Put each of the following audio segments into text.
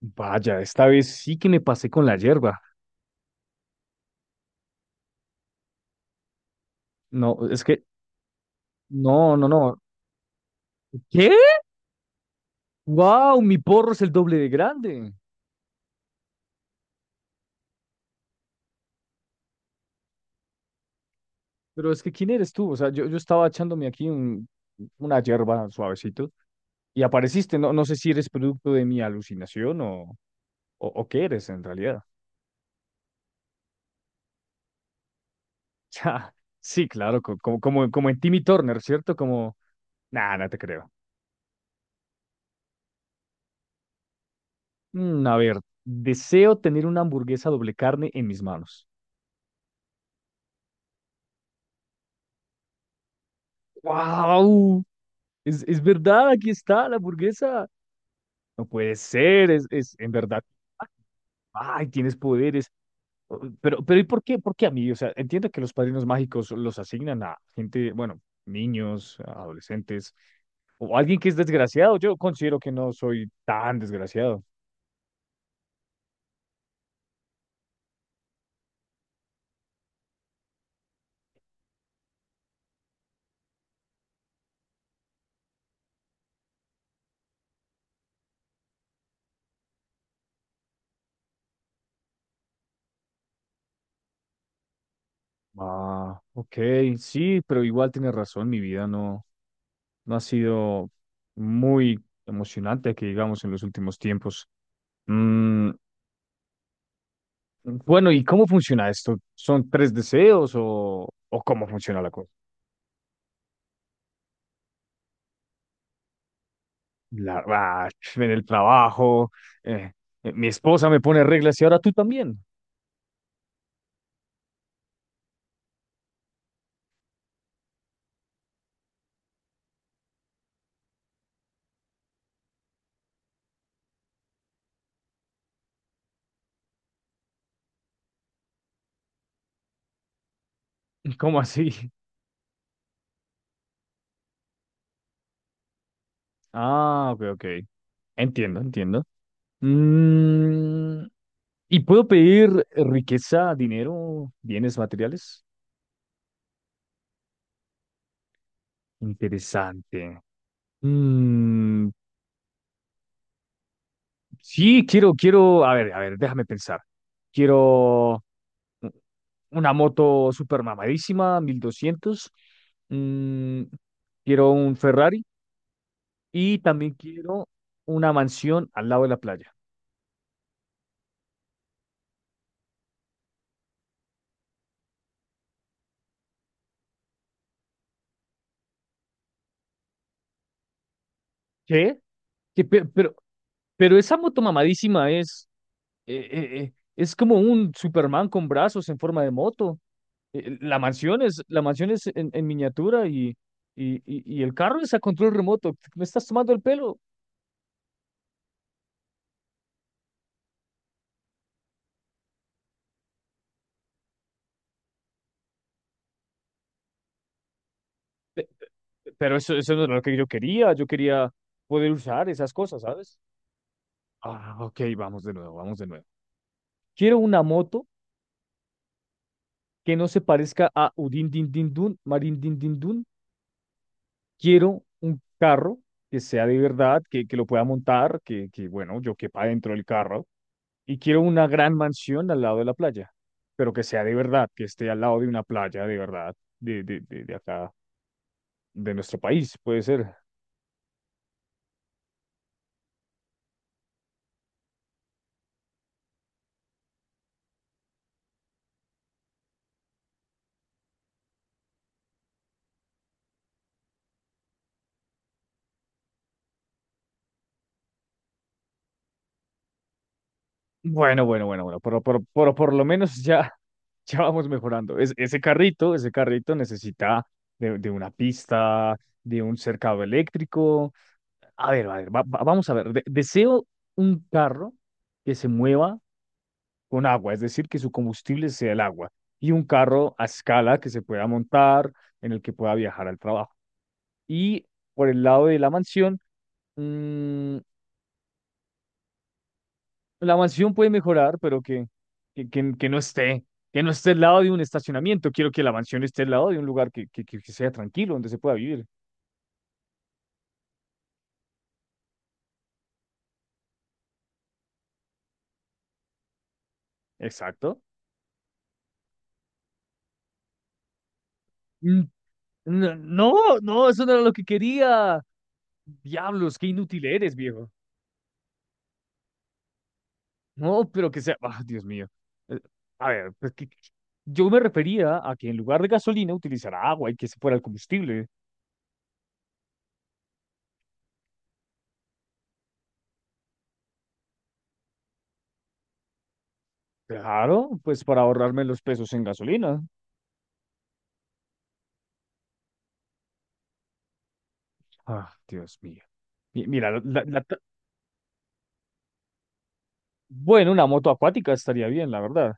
Vaya, esta vez sí que me pasé con la hierba. No, es que, no, no, no. ¿Qué? ¡Wow! Mi porro es el doble de grande. Pero es que, ¿quién eres tú? O sea, yo estaba echándome aquí una hierba suavecito y apareciste. No, no sé si eres producto de mi alucinación o qué eres en realidad. Sí, claro, como, como en Timmy Turner, ¿cierto? Como, nada, no te creo. A ver, deseo tener una hamburguesa doble carne en mis manos. ¡Wow! Es verdad, aquí está la hamburguesa. No puede ser, es en verdad. Ay, tienes poderes. Pero ¿y por qué? ¿Por qué a mí? O sea, entiendo que los padrinos mágicos los asignan a gente, bueno, niños, adolescentes, o alguien que es desgraciado. Yo considero que no soy tan desgraciado. Ah, ok, sí, pero igual tienes razón, mi vida no, no ha sido muy emocionante, que digamos, en los últimos tiempos. Mm. Bueno, ¿y cómo funciona esto? ¿Son tres deseos o cómo funciona la cosa? La- ah, en el trabajo, eh, mi esposa me pone reglas y ahora tú también. ¿Cómo así? Ah, ok, ok. Entiendo, entiendo. Mm, ¿y puedo pedir riqueza, dinero, bienes materiales? Interesante. Mm, sí, quiero, a ver, déjame pensar. Quiero... u- una moto super mamadísima, 1200. Mm, quiero un Ferrari y también quiero una mansión al lado de la playa. ¿Qué? Que pe- pero, pero, esa moto mamadísima es como un Superman con brazos en forma de moto. La mansión es en miniatura y el carro es a control remoto. ¿Me estás tomando el pelo? Pe- Pero eso no era lo que yo quería. Yo quería poder usar esas cosas, ¿sabes? Ah, ok, vamos de nuevo, vamos de nuevo. Quiero una moto que no se parezca a Udin Din Din Dun, Marin Din Din Dun. Quiero un carro que sea de verdad, que lo pueda montar, que, bueno, yo quepa dentro del carro. Y quiero una gran mansión al lado de la playa, pero que sea de verdad, que esté al lado de una playa de verdad, de acá, de nuestro país, puede ser. Bueno, bueno, bueno, bueno, pero por lo menos ya, ya vamos mejorando. Ese carrito, ese carrito necesita de una pista, de un cercado eléctrico. A ver, vamos a ver. Deseo un carro que se mueva con agua, es decir, que su combustible sea el agua, y un carro a escala que se pueda montar, en el que pueda viajar al trabajo. Y por el lado de la mansión, mm, la mansión puede mejorar, pero que, que, que- que no esté, que no esté al lado de un estacionamiento. Quiero que la mansión esté al lado de un lugar que, que sea tranquilo, donde se pueda vivir. Exacto. Mm, no, no, no, eso no era lo que quería. Diablos, qué inútil eres, viejo. No, pero que sea. Ah, Dios mío. Eh, A ver, pues que, yo me refería a que en lugar de gasolina utilizara agua y que se fuera el combustible. Claro, pues para ahorrarme los pesos en gasolina. Ah, Dios mío. Mira, la- Bueno, una moto acuática estaría bien, la verdad.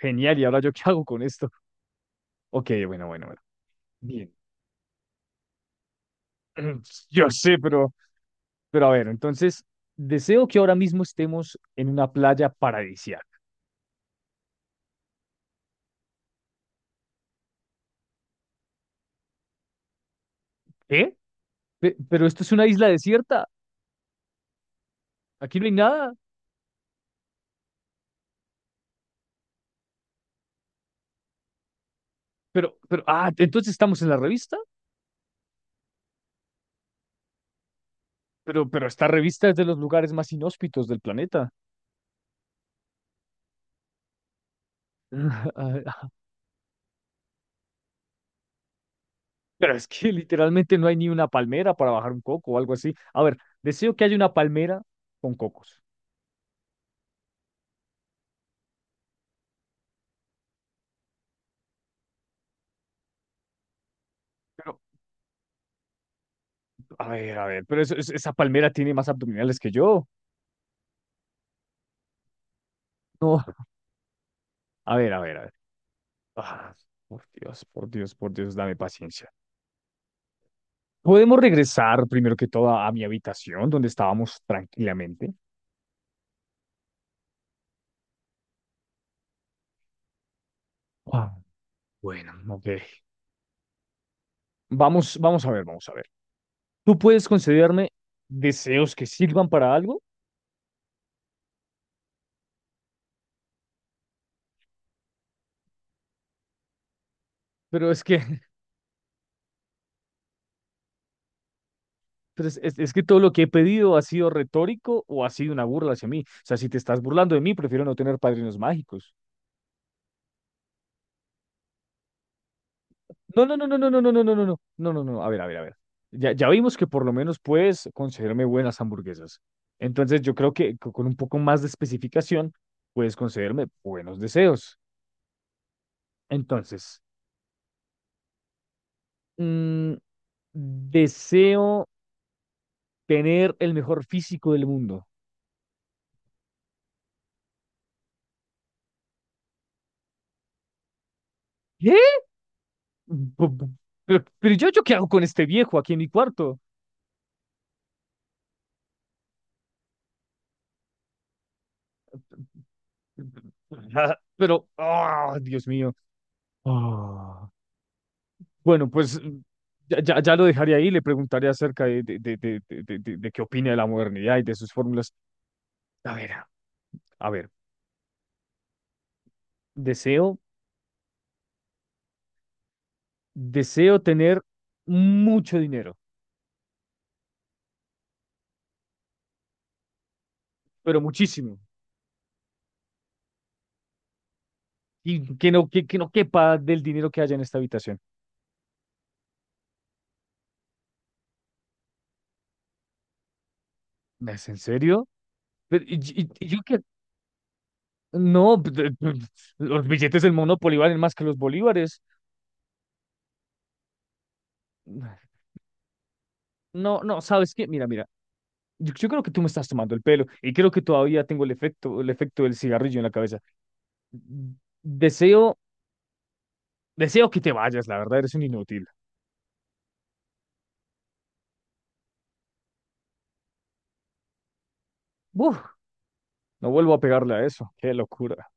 Genial, ¿y ahora yo qué hago con esto? Ok, bueno, bueno, bueno. Bien. Yo sé, pero a ver, entonces, deseo que ahora mismo estemos en una playa paradisíaca. ¿Eh? Pero esto es una isla desierta. Aquí no hay nada. Pero, ah, entonces estamos en la revista. Pero esta revista es de los lugares más inhóspitos del planeta. Pero es que literalmente no hay ni una palmera para bajar un coco o algo así. A ver, deseo que haya una palmera con cocos. A ver, pero esa palmera tiene más abdominales que yo. No, a ver, a ver, a ver. Ah, por Dios, por Dios, por Dios, dame paciencia. ¿Podemos regresar primero que todo a mi habitación donde estábamos tranquilamente? Ah, bueno, ok. Vamos, vamos a ver, vamos a ver. Tú puedes concederme deseos que sirvan para algo, pero es que, pero es que todo lo que he pedido ha sido retórico o ha sido una burla hacia mí. O sea, si te estás burlando de mí, prefiero no tener padrinos mágicos. No, no, no, no, no, no, no, no, no, no, no, no, no, no, a ver, a ver, a ver. Ya, ya vimos que por lo menos puedes concederme buenas hamburguesas. Entonces yo creo que con un poco más de especificación puedes concederme buenos deseos. Entonces, mm, deseo tener el mejor físico del mundo. ¿Qué? Bu- bu- pero yo, ¿yo qué hago con este viejo aquí en mi cuarto? Pero, ah, Dios mío. Ah, bueno, pues ya, ya lo dejaría ahí, le preguntaría acerca de qué opina de la modernidad y de sus fórmulas. A ver, a ver, deseo, deseo tener mucho dinero, pero muchísimo, y que no quepa del dinero que haya en esta habitación. ¿Es en serio? Pero, y, y yo que, no, los billetes del Monopoly valen más que los bolívares. No, no, ¿sabes qué? Mira, mira, yo creo que tú me estás tomando el pelo y creo que todavía tengo el efecto del cigarrillo en la cabeza. Deseo, deseo que te vayas, la verdad, eres un inútil. Uf, no vuelvo a pegarle a eso. Qué locura.